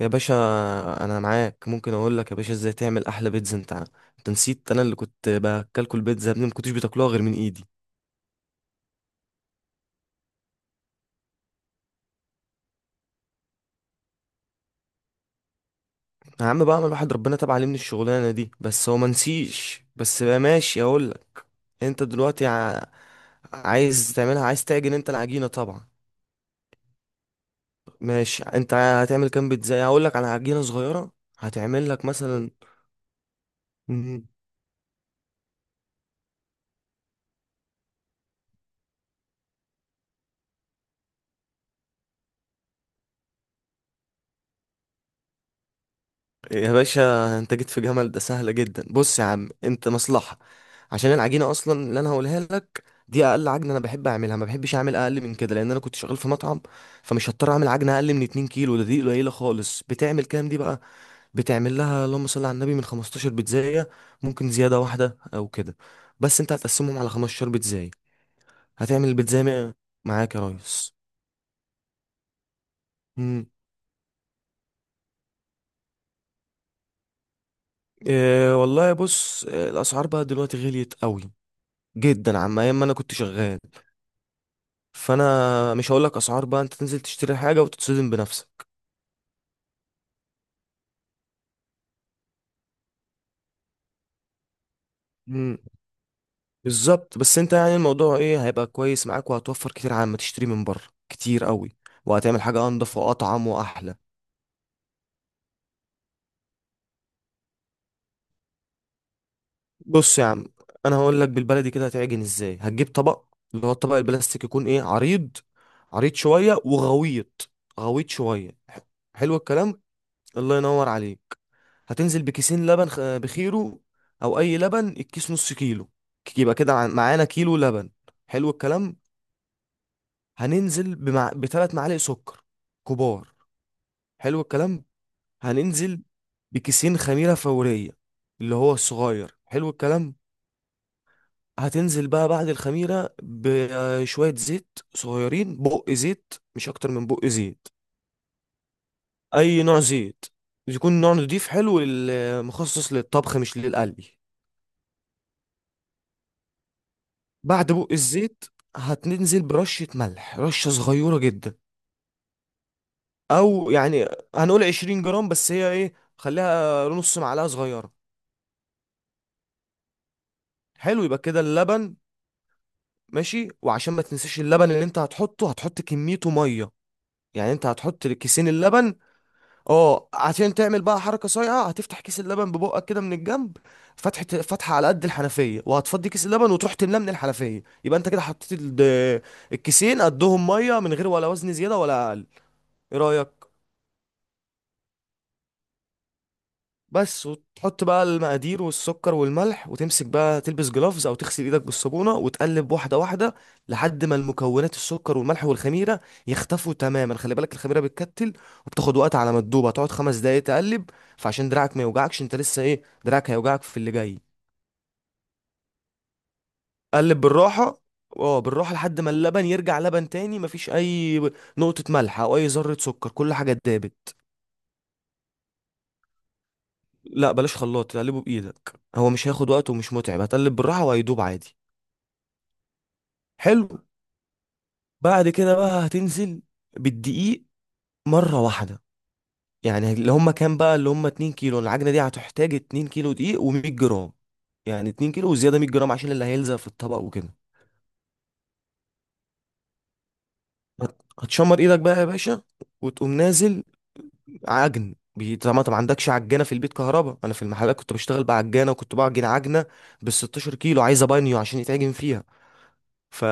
يا باشا، انا معاك، ممكن اقول لك يا باشا ازاي تعمل احلى بيتزا. انت نسيت، انا اللي كنت باكلكوا البيتزا يا ابني، ما كنتوش بتاكلوها غير من ايدي. يا عم بقى الواحد ربنا تاب عليه من الشغلانه دي، بس هو ما نسيش. بس بقى ماشي اقول لك. انت دلوقتي ع... عايز تعملها، عايز تعجن انت العجينه طبعا. ماشي، انت هتعمل كام بيتزا؟ هقول لك على عجينه صغيره هتعمل لك مثلا. يا باشا انت جيت في جمل ده سهلة جدا. بص يا عم، انت مصلحة. عشان العجينة اصلا اللي انا هقولها لك، دي اقل عجنة انا بحب اعملها، ما بحبش اعمل اقل من كده لان انا كنت شغال في مطعم. فمش هضطر اعمل عجنة اقل من 2 كيلو. ده دي قليلة خالص. بتعمل كام دي بقى؟ بتعمل لها اللهم صل على النبي من 15 بيتزاية، ممكن زيادة واحدة او كده. بس انت هتقسمهم على 15 بيتزاية. هتعمل البيتزاية مية- معاك يا ريس. مم. اه والله بص، الاسعار بقى دلوقتي غليت قوي جدا عما ايام ما انا كنت شغال. فانا مش هقول لك اسعار، بقى انت تنزل تشتري حاجه وتتصدم بنفسك. مم. بالظبط. بس انت يعني الموضوع ايه، هيبقى كويس معاك وهتوفر كتير عن ما تشتري من بره، كتير قوي. وهتعمل حاجه انضف واطعم واحلى. بص يا عم، انا هقول لك بالبلدي كده هتعجن ازاي. هتجيب طبق، اللي هو الطبق البلاستيك، يكون ايه، عريض. عريض شويه وغويط. غويط شويه حلو الكلام. الله ينور عليك. هتنزل بكيسين لبن بخيره، او اي لبن، الكيس نص كيلو. يبقى كده معانا كيلو لبن. حلو الكلام. هننزل بـ3 معالق سكر كبار. حلو الكلام. هننزل بكيسين خميرة فورية اللي هو الصغير. حلو الكلام. هتنزل بقى بعد الخميرة بشوية زيت صغيرين، بق زيت مش أكتر من بق زيت. أي نوع زيت؟ يكون نوع نضيف حلو، مخصص للطبخ مش للقلي. بعد بق الزيت هتنزل برشة ملح، رشة صغيرة جدا. أو يعني هنقول 20 جرام، بس هي إيه، خليها نص معلقة صغيرة. حلو، يبقى كده اللبن ماشي. وعشان ما تنساش، اللبن اللي أنت هتحطه هتحط كميته مية. يعني أنت هتحط كيسين اللبن. أه، عشان تعمل بقى حركة صايعة هتفتح كيس اللبن ببقك كده من الجنب، فتحة فتحة على قد الحنفية، وهتفضي كيس اللبن وتروح تملاه من الحنفية. يبقى أنت كده حطيت الكيسين قدهم مية، من غير ولا وزن زيادة ولا أقل. إيه رأيك؟ بس وتحط بقى المقادير والسكر والملح، وتمسك بقى تلبس جلافز او تغسل ايدك بالصابونه، وتقلب واحده واحده لحد ما المكونات، السكر والملح والخميره، يختفوا تماما. خلي بالك الخميره بتكتل وبتاخد وقت على ما تدوب، هتقعد 5 دقايق تقلب. فعشان دراعك ما يوجعكش، انت لسه ايه، دراعك هيوجعك في اللي جاي. قلب بالراحه، اه بالراحه لحد ما اللبن يرجع لبن تاني، مفيش اي نقطه ملح او اي ذره سكر، كل حاجه اتدابت. لا بلاش خلاط، تقلبه بايدك، هو مش هياخد وقت ومش متعب، هتقلب بالراحه وهيدوب عادي. حلو. بعد كده بقى هتنزل بالدقيق مرة واحدة. يعني اللي هما كام بقى، اللي هما 2 كيلو، العجنة دي هتحتاج 2 كيلو دقيق و100 جرام. يعني 2 كيلو وزيادة 100 جرام عشان اللي هيلزق في الطبق وكده. هتشمر ايدك بقى يا باشا وتقوم نازل عجن طبعا انت ما عندكش عجانة في البيت كهربا. انا في المحلات كنت بشتغل بعجانة، وكنت بعجن عجنة بال 16 كيلو، عايزة بانيو عشان يتعجن فيها. ف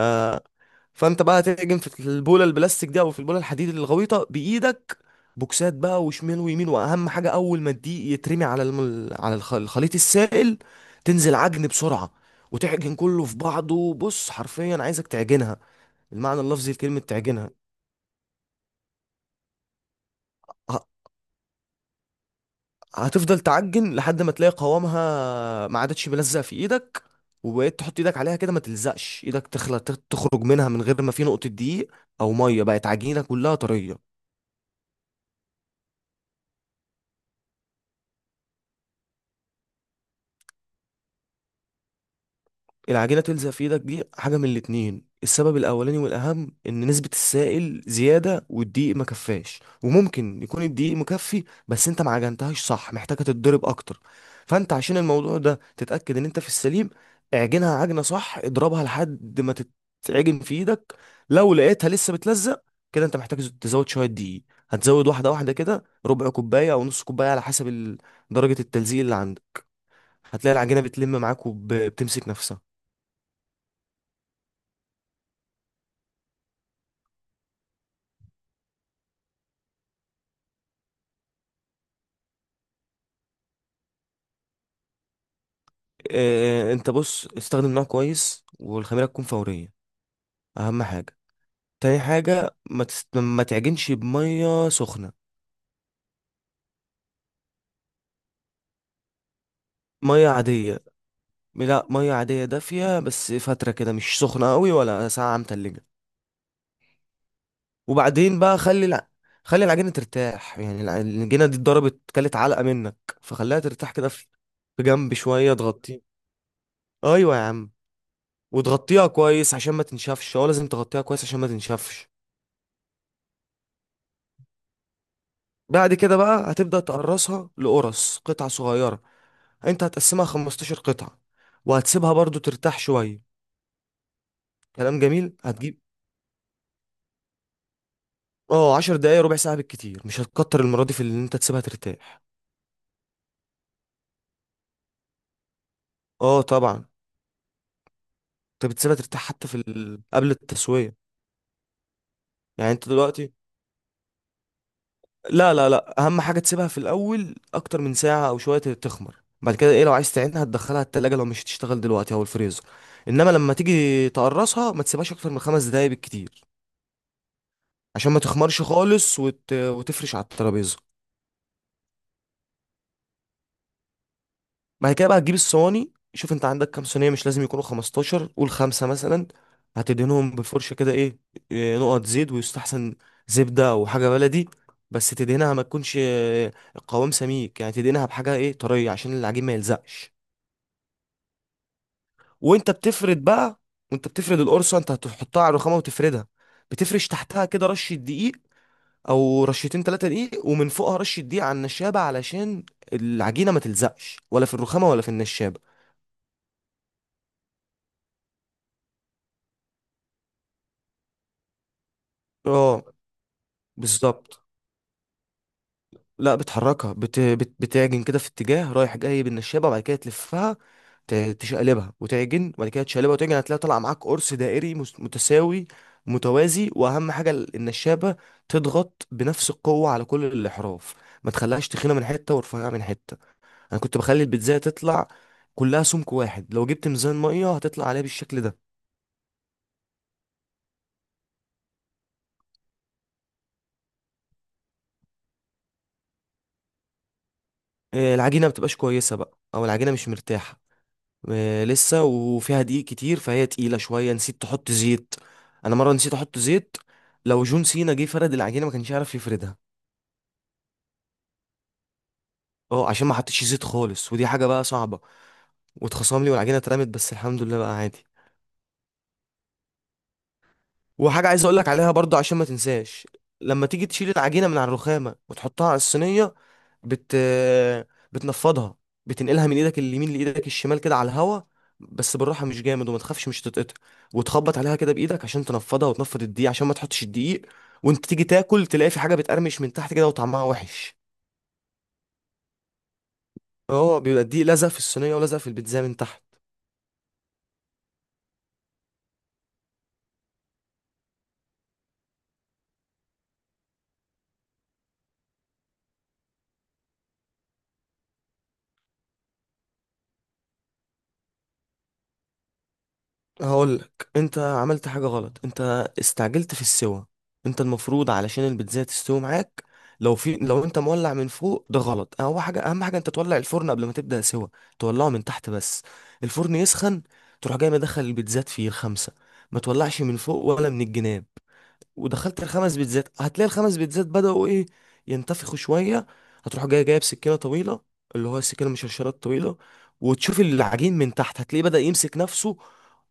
فانت بقى هتعجن في البوله البلاستيك دي او في البوله الحديد الغويطه بايدك، بوكسات بقى وشمال ويمين. واهم حاجه اول ما الدقيق يترمي على على الخليط السائل، تنزل عجن بسرعه، وتعجن كله في بعضه. بص حرفيا عايزك تعجنها، المعنى اللفظي لكلمه تعجنها. ه- هتفضل تعجن لحد ما تلاقي قوامها ما عادتش ملزق في ايدك، وبقيت تحط ايدك عليها كده ما تلزقش ايدك، تخلى تخرج منها من غير ما في نقطه دقيق او ميه، بقت عجينه كلها طريه. العجينة تلزق في ايدك دي حاجة من الاتنين، السبب الأولاني والأهم إن نسبة السائل زيادة والدقيق ما كفاش، وممكن يكون الدقيق مكفي بس أنت ما عجنتهاش صح، محتاجة تتضرب أكتر. فأنت عشان الموضوع ده تتأكد إن أنت في السليم، اعجنها عجنة صح، اضربها لحد ما تتعجن في إيدك. لو لقيتها لسه بتلزق، كده أنت محتاج تزود شوية دقيق، هتزود واحدة واحدة كده، ربع كوباية أو نص كوباية، على حسب درجة التلزيق اللي عندك. هتلاقي العجينة بتلم معاك وبتمسك نفسها. انت بص، استخدم نوع كويس والخميرة تكون فورية، اهم حاجة. تاني حاجة، ما تعجنش بمية سخنة. مية عادية. لا، مية عادية دافية بس، فترة كده، مش سخنة قوي ولا ساقعة متلجة. وبعدين بقى خلي خلي العجينة ترتاح، يعني العجينة دي اتضربت كلت علقة منك، فخليها ترتاح كده في جنب شوية، تغطيها. ايوه يا عم، وتغطيها كويس عشان ما تنشفش، هو لازم تغطيها كويس عشان ما تنشفش. بعد كده بقى هتبدأ تقرصها، لقرص قطع صغيرة. انت هتقسمها 15 قطعة، وهتسيبها برضو ترتاح شوية. كلام جميل. هتجيب اه 10 دقايق ربع ساعة بالكتير، مش هتكتر المرة دي في اللي انت تسيبها ترتاح. اه طبعا، انت بتسيبها ترتاح حتى في قبل التسوية. يعني انت دلوقتي، لا لا لا، اهم حاجة تسيبها في الاول اكتر من ساعة او شوية تخمر. بعد كده ايه، لو عايز تعينها هتدخلها التلاجة لو مش هتشتغل دلوقتي، او الفريزر. انما لما تيجي تقرصها ما تسيبهاش اكتر من 5 دقايق بالكتير، عشان ما تخمرش خالص وتفرش على الترابيزه. بعد كده بقى هتجيب الصواني. شوف انت عندك كام صينيه، مش لازم يكونوا 15، قول خمسه مثلا. هتدهنهم بالفرشه كده ايه، نقط زيت، ويستحسن زبده او حاجه بلدي. بس تدهنها ما تكونش القوام سميك، يعني تدهنها بحاجه ايه طريه عشان العجين ما يلزقش. وانت بتفرد بقى، وانت بتفرد القرصه، انت هتحطها على الرخامه وتفردها. بتفرش تحتها كده رشه دقيق او رشتين تلاتة دقيق، ومن فوقها رشة دقيق على النشابة، علشان العجينة ما تلزقش ولا في الرخامة ولا في النشابة. اه بالظبط. لا بتحركها، بتعجن كده في اتجاه رايح جاي بالنشابة، وبعد كده تلفها، تشقلبها وتعجن، وبعد كده تشقلبها وتعجن. هتلاقي طالع معاك قرص دائري متساوي متوازي. واهم حاجة النشابة، تضغط بنفس القوة على كل الأحراف، ما تخليهاش تخينة من حتة ورفيعة من حتة. انا كنت بخلي البيتزاية تطلع كلها سمك واحد، لو جبت ميزان ميه هتطلع عليها بالشكل ده. العجينه ما بتبقاش كويسه بقى، او العجينه مش مرتاحه، لسه وفيها دقيق كتير، فهي تقيله شويه. نسيت تحط زيت. انا مره نسيت احط زيت، لو جون سينا جه فرد العجينه ما كانش يعرف يفردها. اه عشان ما حطيتش زيت خالص، ودي حاجه بقى صعبه، واتخصم لي والعجينه اترمت، بس الحمد لله بقى عادي. وحاجة عايز اقولك عليها برضو عشان ما تنساش. لما تيجي تشيل العجينة من على الرخامة وتحطها على الصينية، بت بتنفضها، بتنقلها من ايدك اليمين لايدك الشمال كده على الهوا، بس بالراحة مش جامد، وما تخافش مش تتقطع، وتخبط عليها كده بايدك عشان تنفضها وتنفض الدقيق، عشان ما تحطش الدقيق وانت تيجي تاكل تلاقي في حاجة بتقرمش من تحت كده وطعمها وحش. اه بيبقى الدقيق لزق في الصينية ولزق في البيتزا من تحت. هقولك، انت عملت حاجة غلط، انت استعجلت في السوا. انت المفروض علشان البيتزا تستوي معاك، لو في، لو انت مولع من فوق ده غلط. اهم حاجة، اهم حاجة، انت تولع الفرن قبل ما تبدأ سوا. تولعه من تحت بس، الفرن يسخن، تروح جاي مدخل البيتزات فيه الخمسة. ما تولعش من فوق ولا من الجناب. ودخلت الخمس بيتزات، هتلاقي الخمس بيتزات بدأوا ايه، ينتفخوا شوية. هتروح جاي جايب سكينة طويلة، اللي هو السكينة المشرشرة الطويلة، وتشوف العجين من تحت، هتلاقيه بدأ يمسك نفسه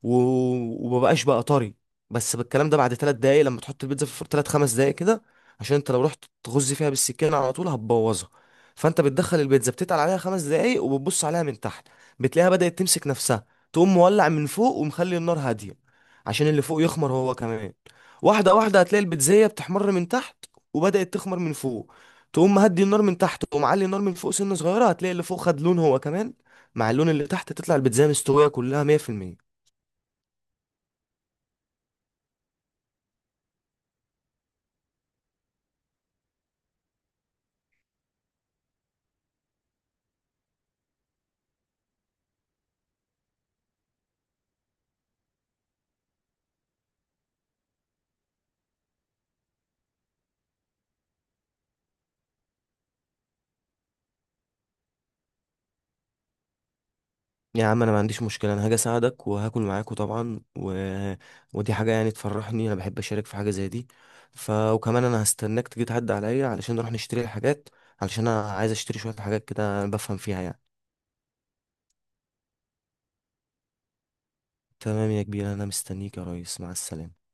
و... ومبقاش بقى طري، بس بالكلام ده بعد 3 دقايق لما تحط البيتزا في الفرن، 3 لـ5 دقايق كده، عشان انت لو رحت تغز فيها بالسكينة على طول هتبوظها. فانت بتدخل البيتزا بتتقل عليها 5 دقايق، وبتبص عليها من تحت، بتلاقيها بدأت تمسك نفسها، تقوم مولع من فوق ومخلي النار هادية عشان اللي فوق يخمر هو كمان. واحدة واحدة هتلاقي البيتزاية بتحمر من تحت وبدأت تخمر من فوق. تقوم مهدي النار من تحت، تقوم معلي النار من فوق، سنة صغيرة هتلاقي اللي فوق خد لون هو كمان مع اللون اللي تحت، تطلع البيتزاية مستوية كلها 100%. يا عم انا ما عنديش مشكلة، انا هاجي اساعدك وهاكل معاكوا طبعا. ودي حاجة يعني تفرحني، انا بحب اشارك في حاجة زي دي. وكمان انا هستناك تيجي تعدي عليا علشان نروح نشتري الحاجات، علشان انا عايز اشتري شوية حاجات كده أنا بفهم فيها يعني. تمام يا كبير، انا مستنيك يا ريس، مع السلامة.